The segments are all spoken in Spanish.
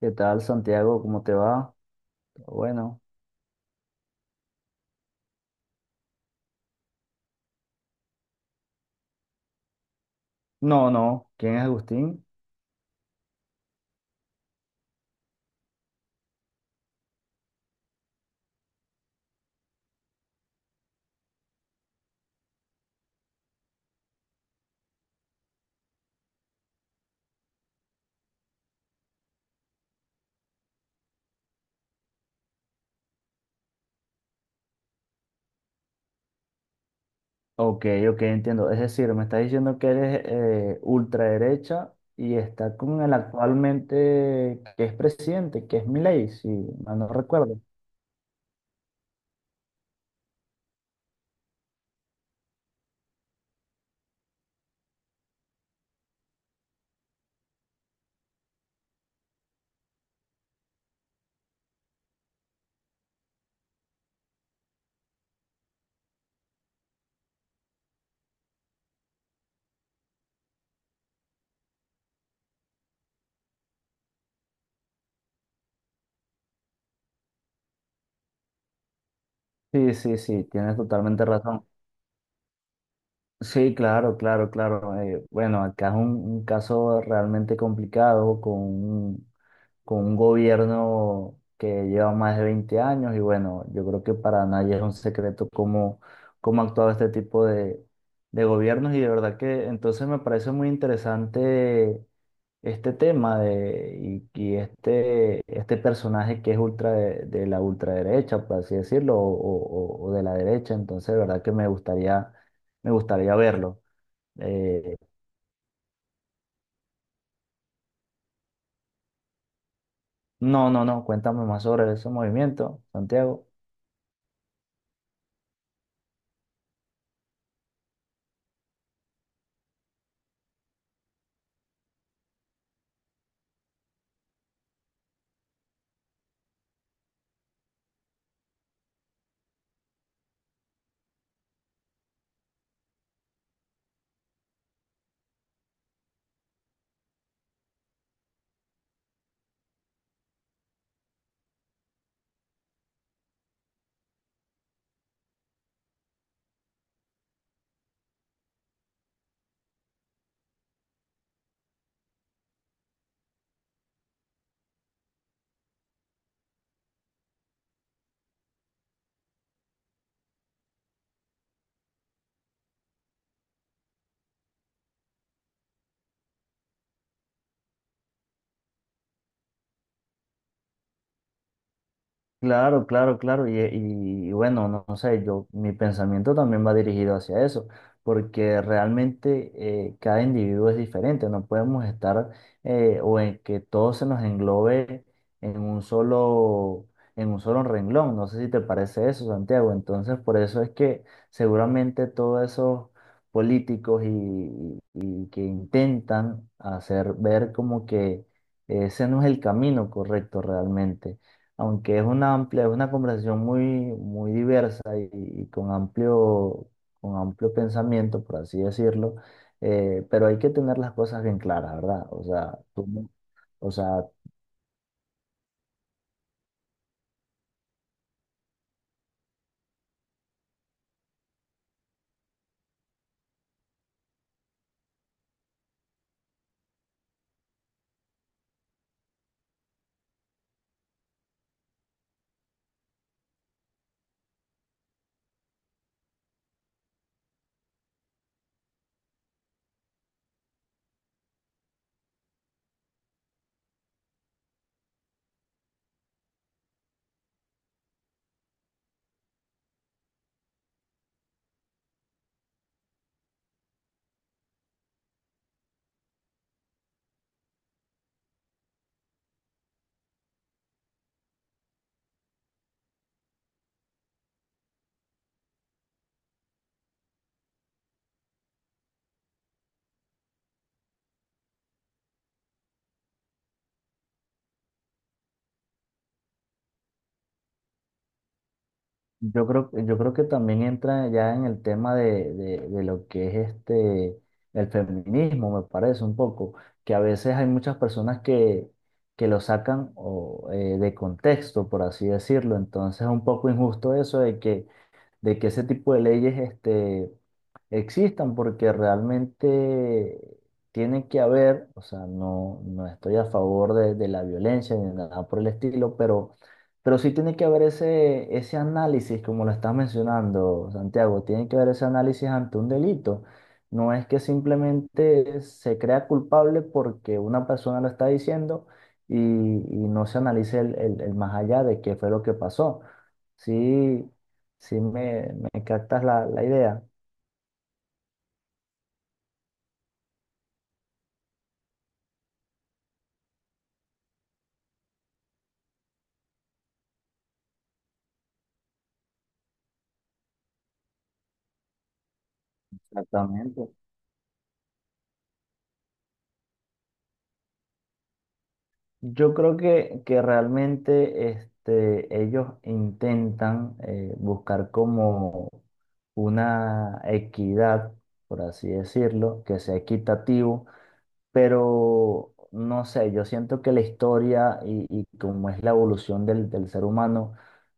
¿Qué tal, Santiago? ¿Cómo te va? Bueno, no, no. ¿Quién es Agustín? Ok, ok, entiendo. Es decir, me estás diciendo que eres ultraderecha y está con el actualmente que es presidente, que es Milei, si mal no recuerdo. Sí, sí, sí, tienes totalmente razón. Sí, claro, claro, claro. Bueno, acá es un caso realmente complicado con un gobierno que lleva más de 20 años y bueno, yo creo que para nadie es un secreto cómo ha actuado este tipo de gobiernos y de verdad que entonces me parece muy interesante este tema de, y este personaje que es ultra de la ultraderecha, por así decirlo, o de la derecha, entonces de verdad que me gustaría verlo. Eh, no, no, no, cuéntame más sobre ese movimiento, Santiago. Claro, claro, claro. Y bueno, no, no sé, yo, mi pensamiento también va dirigido hacia eso, porque realmente cada individuo es diferente, no podemos estar o en que todo se nos englobe en un solo, en un solo renglón. No sé si te parece eso, Santiago. Entonces, por eso es que seguramente todos esos políticos y que intentan hacer ver como que ese no es el camino correcto realmente aunque es una conversación muy, muy diversa y con amplio pensamiento, por así decirlo, pero hay que tener las cosas bien claras, ¿verdad? O sea, o sea, yo creo que también entra ya en el tema de lo que es este, el feminismo, me parece un poco, que a veces hay muchas personas que lo sacan de contexto, por así decirlo, entonces es un poco injusto eso de que ese tipo de leyes existan, porque realmente tiene que haber, o sea, no, no estoy a favor de la violencia ni nada por el estilo, pero sí tiene que haber ese análisis, como lo estás mencionando, Santiago, tiene que haber ese análisis ante un delito. No es que simplemente se crea culpable porque una persona lo está diciendo y no se analice el más allá de qué fue lo que pasó. Sí, si me captas la idea. Exactamente. Yo creo que realmente ellos intentan buscar como una equidad, por así decirlo, que sea equitativo pero no sé, yo siento que la historia y como es la evolución del ser humano,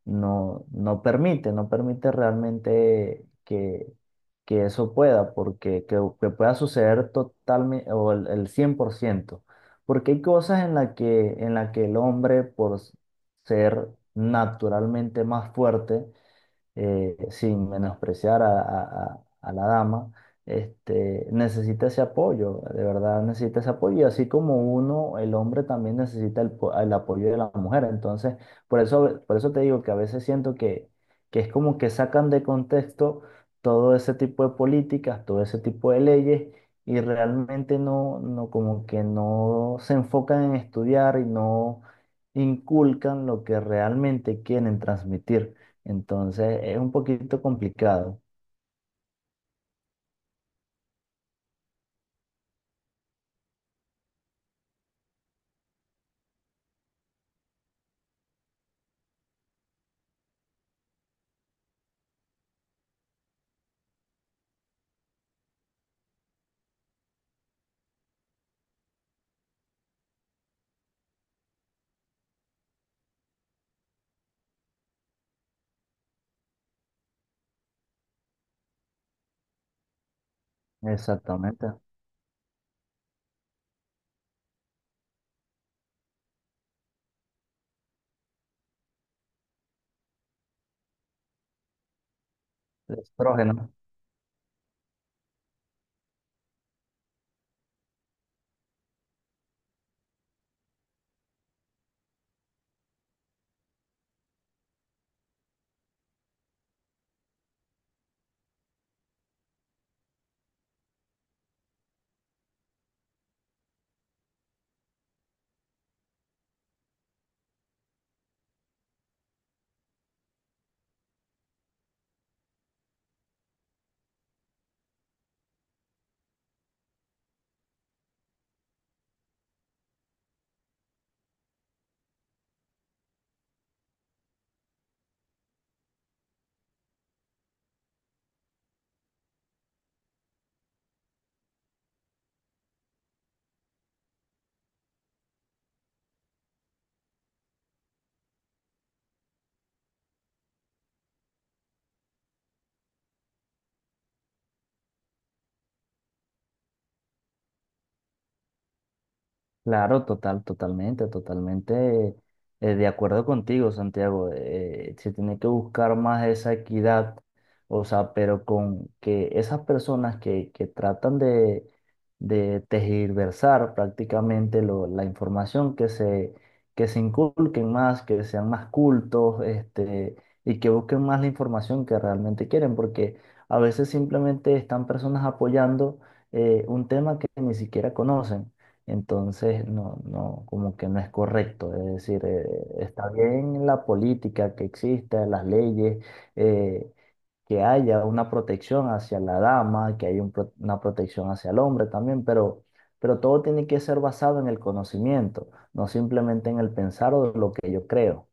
no, no permite realmente que eso pueda, porque que pueda suceder totalmente o el 100% porque hay cosas en la que el hombre, por ser naturalmente más fuerte, sin menospreciar a la dama, necesita ese apoyo, de verdad necesita ese apoyo, y así como uno, el hombre también necesita el apoyo de la mujer. Entonces, por eso te digo que a veces siento que es como que sacan de contexto todo ese tipo de políticas, todo ese tipo de leyes. Y realmente no, no, como que no se enfocan en estudiar y no inculcan lo que realmente quieren transmitir. Entonces es un poquito complicado. Exactamente. Es prógeno. Claro, totalmente de acuerdo contigo, Santiago. Se tiene que buscar más esa equidad, o sea, pero con que esas personas que tratan de tergiversar prácticamente la información, que se inculquen más, que sean más cultos, y que busquen más la información que realmente quieren, porque a veces simplemente están personas apoyando un tema que ni siquiera conocen. Entonces, no, no, como que no es correcto. Es decir, está bien la política que exista, las leyes, eh, que haya una protección hacia la dama, que haya una protección hacia el hombre también, pero todo tiene que ser basado en el conocimiento, no simplemente en el pensar o lo que yo creo.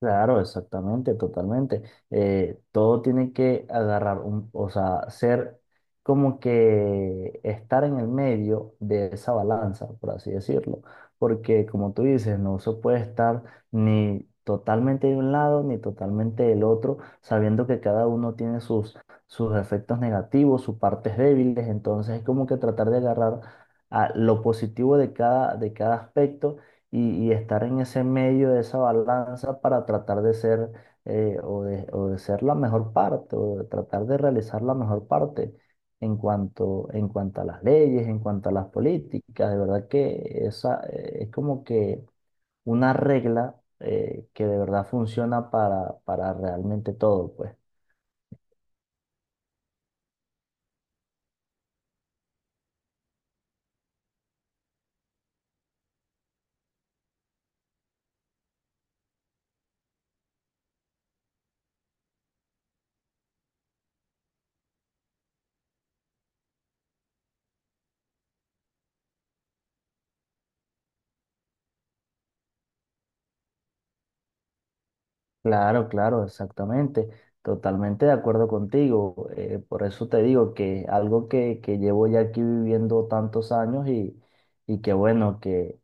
Claro, exactamente, totalmente. Todo tiene que agarrar o sea, ser como que estar en el medio de esa balanza, por así decirlo. Porque como tú dices, no se puede estar ni totalmente de un lado ni totalmente del otro, sabiendo que cada uno tiene sus efectos negativos, sus partes débiles. Entonces es como que tratar de agarrar a lo positivo de cada aspecto y estar en ese medio de esa balanza para tratar de ser o de ser la mejor parte o de tratar de realizar la mejor parte en cuanto a las leyes, en cuanto a las políticas. De verdad que esa es como que una regla que de verdad funciona para realmente todo, pues. Claro, claro, exactamente. Totalmente de acuerdo contigo. Por eso te digo que algo que llevo ya aquí viviendo tantos años y que bueno, que,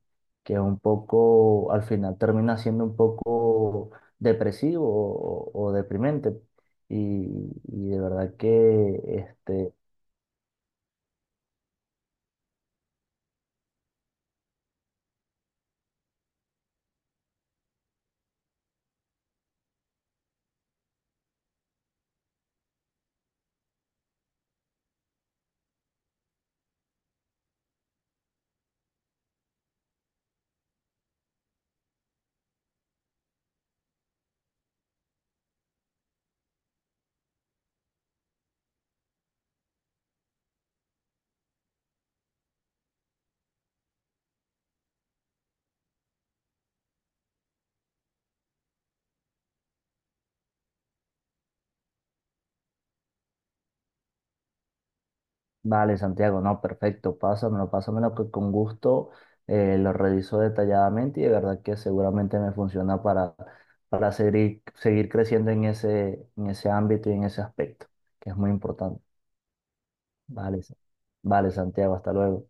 que un poco, al final termina siendo un poco depresivo o deprimente. Y, y de verdad que. Vale, Santiago, no, perfecto, pásamelo, pásamelo que con gusto lo reviso detalladamente y de verdad que seguramente me funciona para seguir, seguir creciendo en ese ámbito y en ese aspecto, que es muy importante. Vale, Sa- vale, Santiago, hasta luego.